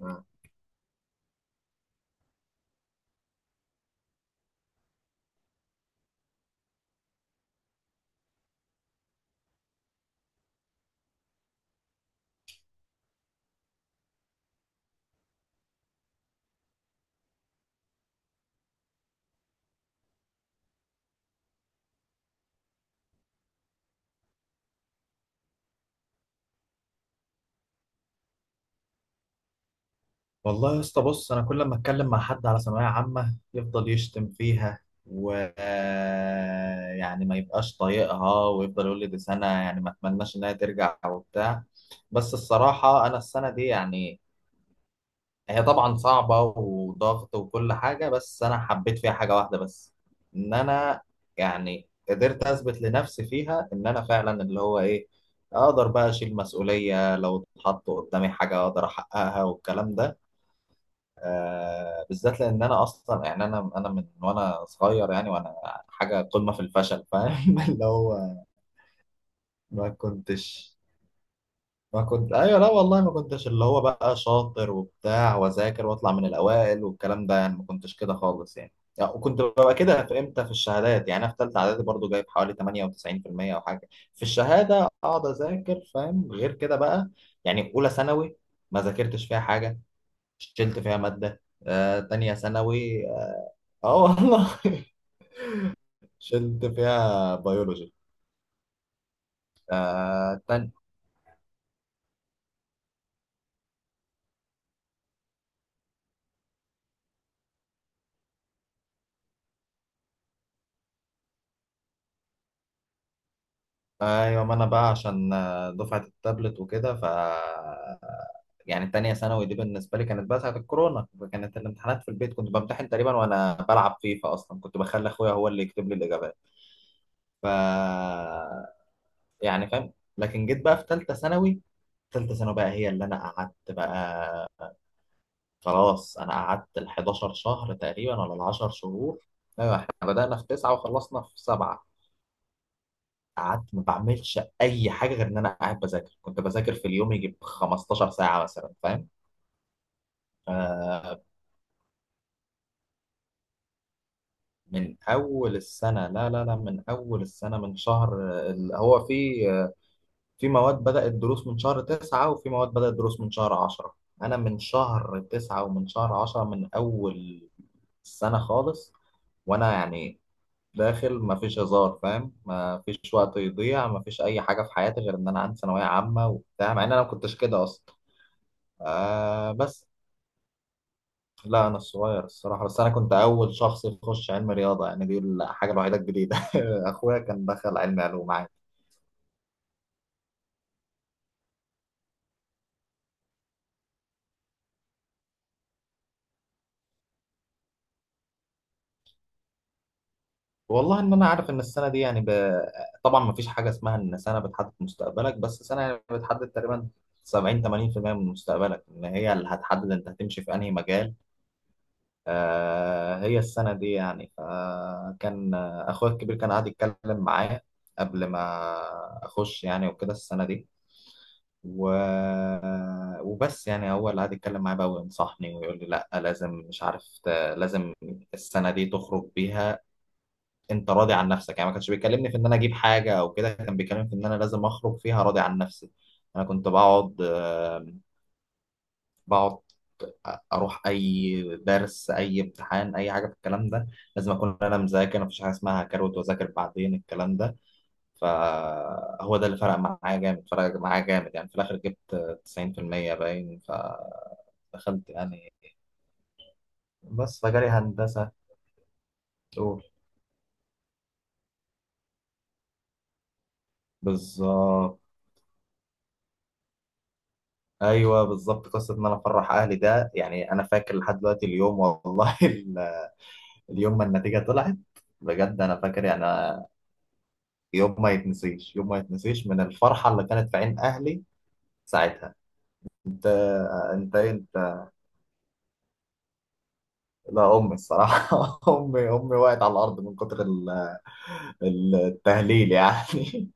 مم. والله يا اسطى، بص انا كل ما اتكلم مع حد على ثانويه عامه يفضل يشتم فيها و يعني ما يبقاش طايقها ويفضل يقول لي دي سنه، يعني ما اتمناش انها ترجع وبتاع. بس الصراحه انا السنه دي يعني هي طبعا صعبه وضغط وكل حاجه، بس انا حبيت فيها حاجه واحده بس، ان انا يعني قدرت اثبت لنفسي فيها ان انا فعلا اللي هو ايه، اقدر بقى اشيل مسؤوليه لو اتحط قدامي حاجه اقدر احققها والكلام ده. بالذات لان انا اصلا يعني انا من وانا صغير، يعني وانا حاجه قمه في الفشل، فاهم؟ اللي هو ما كنتش ما كنت ايوه، لا والله ما كنتش اللي هو بقى شاطر وبتاع واذاكر واطلع من الاوائل والكلام ده، يعني ما كنتش كده خالص يعني. يعني وكنت ببقى كده في امتى في الشهادات، يعني انا في ثالثه اعدادي برضو جايب حوالي 98% او حاجه، في الشهاده اقعد اذاكر فاهم غير كده بقى. يعني اولى ثانوي ما ذاكرتش فيها حاجه، شلت فيها ماده. تانية ثانوي، اه والله شلت فيها بيولوجي. آه تاني، ايوه ما انا بقى عشان دفعة التابلت وكده. يعني تانية ثانوي دي بالنسبة لي كانت بقى ساعة الكورونا، كانت الامتحانات في البيت، كنت بمتحن تقريبا وانا بلعب فيفا، اصلا كنت بخلي اخويا هو اللي يكتب لي الاجابات. ف يعني فاهم، لكن جيت بقى في تالتة ثانوي. تالتة ثانوي بقى هي اللي انا قعدت بقى خلاص، انا قعدت ال 11 شهر تقريبا ولا ال 10 شهور. ايوه احنا بدأنا في تسعة وخلصنا في سبعة. قعدت ما بعملش اي حاجه غير ان انا قاعد بذاكر، كنت بذاكر في اليوم يجيب 15 ساعه مثلا، فاهم؟ آه من اول السنه، لا لا لا من اول السنه من شهر هو في في مواد بدات دروس من شهر 9 وفي مواد بدات دروس من شهر 10، انا من شهر 9 ومن شهر 10 من اول السنه خالص. وانا يعني داخل ما فيش هزار، فاهم؟ ما فيش وقت يضيع، ما فيش اي حاجه في حياتي غير ان انا عندي ثانويه عامه وبتاع، مع ان انا ما كنتش كده اصلا. آه بس، لا انا الصغير الصراحه، بس انا كنت اول شخص يخش علم رياضه، يعني دي الحاجه الوحيده الجديده. اخويا كان دخل علم علوم عادي. والله ان انا عارف ان السنه دي يعني طبعا ما فيش حاجه اسمها ان سنه بتحدد مستقبلك، بس سنه يعني بتحدد تقريبا 70 80% من مستقبلك، ان هي اللي هتحدد انت هتمشي في انهي مجال. آه هي السنه دي يعني، فكان اخويا الكبير كان قاعد يتكلم معايا قبل ما اخش يعني وكده السنه دي، و... وبس يعني هو اللي قعد يتكلم معايا بقى وينصحني ويقول لي لا لازم مش عارف لازم السنه دي تخرج بيها، انت راضي عن نفسك، يعني ما كانش بيكلمني في ان انا اجيب حاجه او كده، كان بيكلمني في ان انا لازم اخرج فيها راضي عن نفسي. انا كنت بقعد اروح اي درس اي امتحان اي حاجه في الكلام ده، لازم اكون انا مذاكر، مفيش حاجه اسمها هكروت واذاكر بعدين الكلام ده. فهو ده اللي فرق معايا جامد، فرق معايا جامد، يعني في الآخر جبت 90% باين، فدخلت يعني، بس فجالي هندسة. قول بالظبط، ايوه بالظبط، قصه ان انا افرح اهلي ده، يعني انا فاكر لحد دلوقتي اليوم والله اليوم ما النتيجه طلعت، بجد انا فاكر يعني أنا، يوم ما يتنسيش، يوم ما يتنسيش من الفرحه اللي كانت في عين اهلي ساعتها. انت انت إيه؟ لا امي الصراحه امي وقعت على الارض من كتر التهليل يعني.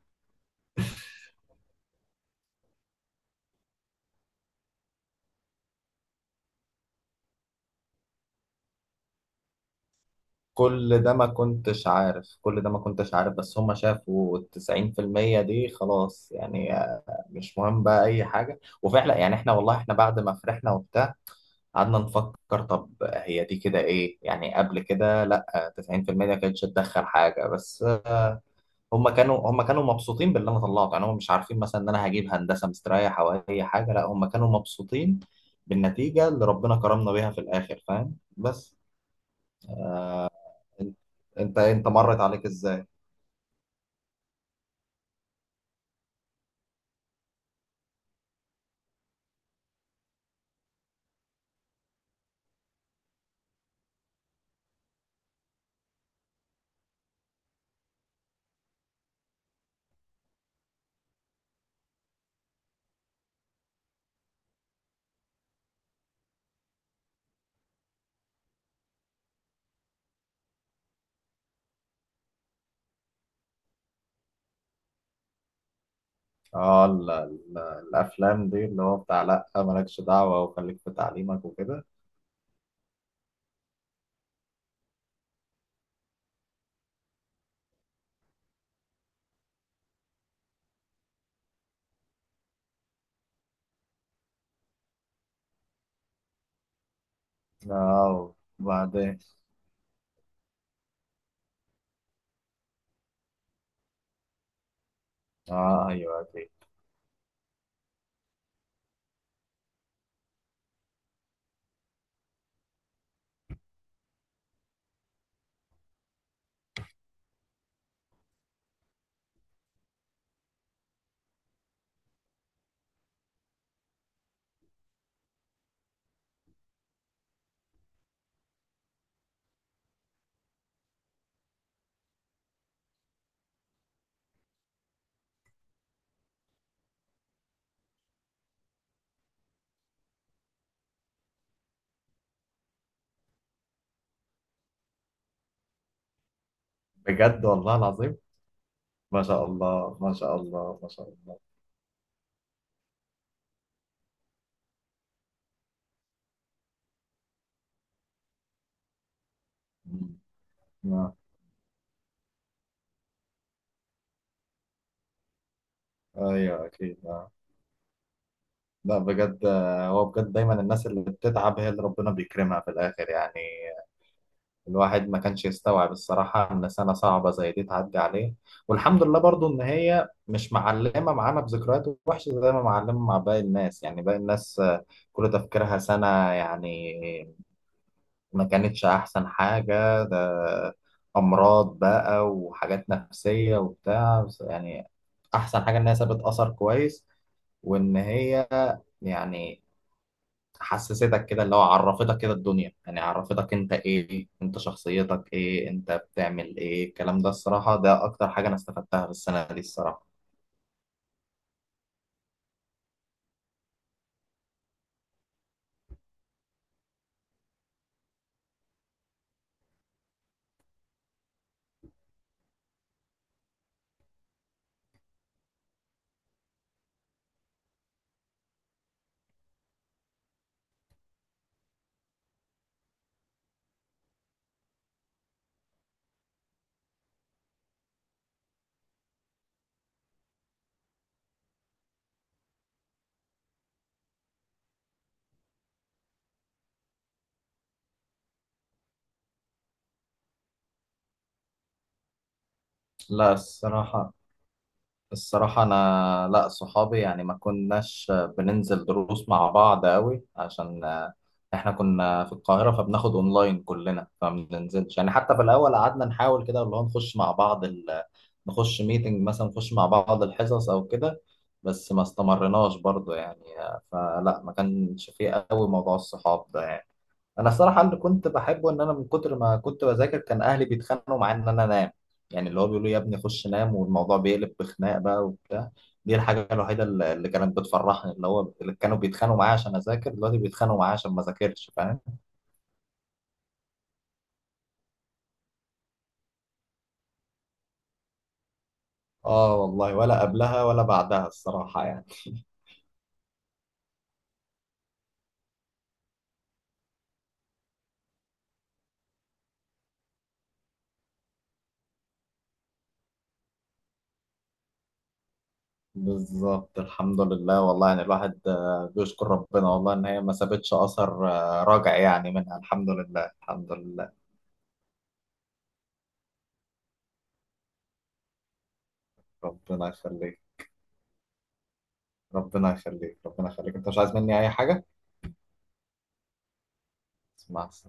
كل ده ما كنتش عارف، كل ده ما كنتش عارف، بس هم شافوا التسعين في المية دي خلاص، يعني مش مهم بقى أي حاجة. وفعلا يعني احنا والله، احنا بعد ما فرحنا وبتاع قعدنا نفكر، طب هي دي كده ايه، يعني قبل كده لا تسعين في المية ما كانتش تدخل حاجة، بس هم كانوا مبسوطين باللي أنا طلعته، يعني هم مش عارفين مثلا إن أنا هجيب هندسة مستريح أو أي حاجة، لا هم كانوا مبسوطين بالنتيجة اللي ربنا كرمنا بيها في الآخر، فاهم؟ بس. انت انت مرت عليك ازاي؟ اه الافلام دي اللي هو بتاع لا مالكش دعوه وخليك في تعليمك وكده. اه وبعدين. اه ايوه دي، بجد والله العظيم. ما شاء الله، ما شاء الله، ما شاء الله. مم. آه. ايوه اكيد آه. لا بجد هو بجد دايما الناس اللي بتتعب هي اللي ربنا بيكرمها في الاخر يعني. الواحد ما كانش يستوعب الصراحة إن سنة صعبة زي دي تعدي عليه. والحمد لله برضو إن هي مش معلمة معانا بذكريات وحشة زي ما معلمة مع باقي الناس، يعني باقي الناس كل تفكيرها سنة، يعني ما كانتش أحسن حاجة، ده أمراض بقى وحاجات نفسية وبتاع، بس يعني أحسن حاجة إن هي سابت أثر كويس، وإن هي يعني حسستك كده اللي هو عرفتك كده الدنيا، يعني عرفتك انت ايه، انت شخصيتك ايه، انت بتعمل ايه، الكلام ده الصراحة ده اكتر حاجة انا استفدتها في السنة دي الصراحة. لا الصراحة، الصراحة انا، لا صحابي يعني ما كناش بننزل دروس مع بعض قوي عشان احنا كنا في القاهرة، فبناخد اونلاين كلنا، فما بننزلش يعني، حتى في الاول قعدنا نحاول كده اللي هو نخش مع بعض، نخش ميتنج مثلا، نخش مع بعض الحصص او كده، بس ما استمرناش برضو يعني، فلا ما كانش فيه قوي موضوع الصحاب ده يعني. انا الصراحه اللي كنت بحبه ان انا من كتر ما كنت بذاكر كان اهلي بيتخانقوا معايا ان انا انام، يعني اللي هو بيقولوا يا ابني خش نام، والموضوع بيقلب بخناق بقى وبتاع. دي الحاجه الوحيده اللي كانت بتفرحني، اللي هو اللي كانوا بيتخانقوا معايا عشان اذاكر دلوقتي بيتخانقوا معايا عشان ما اذاكرش، فاهم؟ اه والله، ولا قبلها ولا بعدها الصراحه يعني. بالظبط الحمد لله والله، يعني الواحد بيشكر ربنا والله ان هي ما سابتش اثر راجع يعني منها، الحمد لله، الحمد لله. ربنا يخليك، ربنا يخليك، ربنا يخليك، انت مش عايز مني اي حاجة؟ اسمع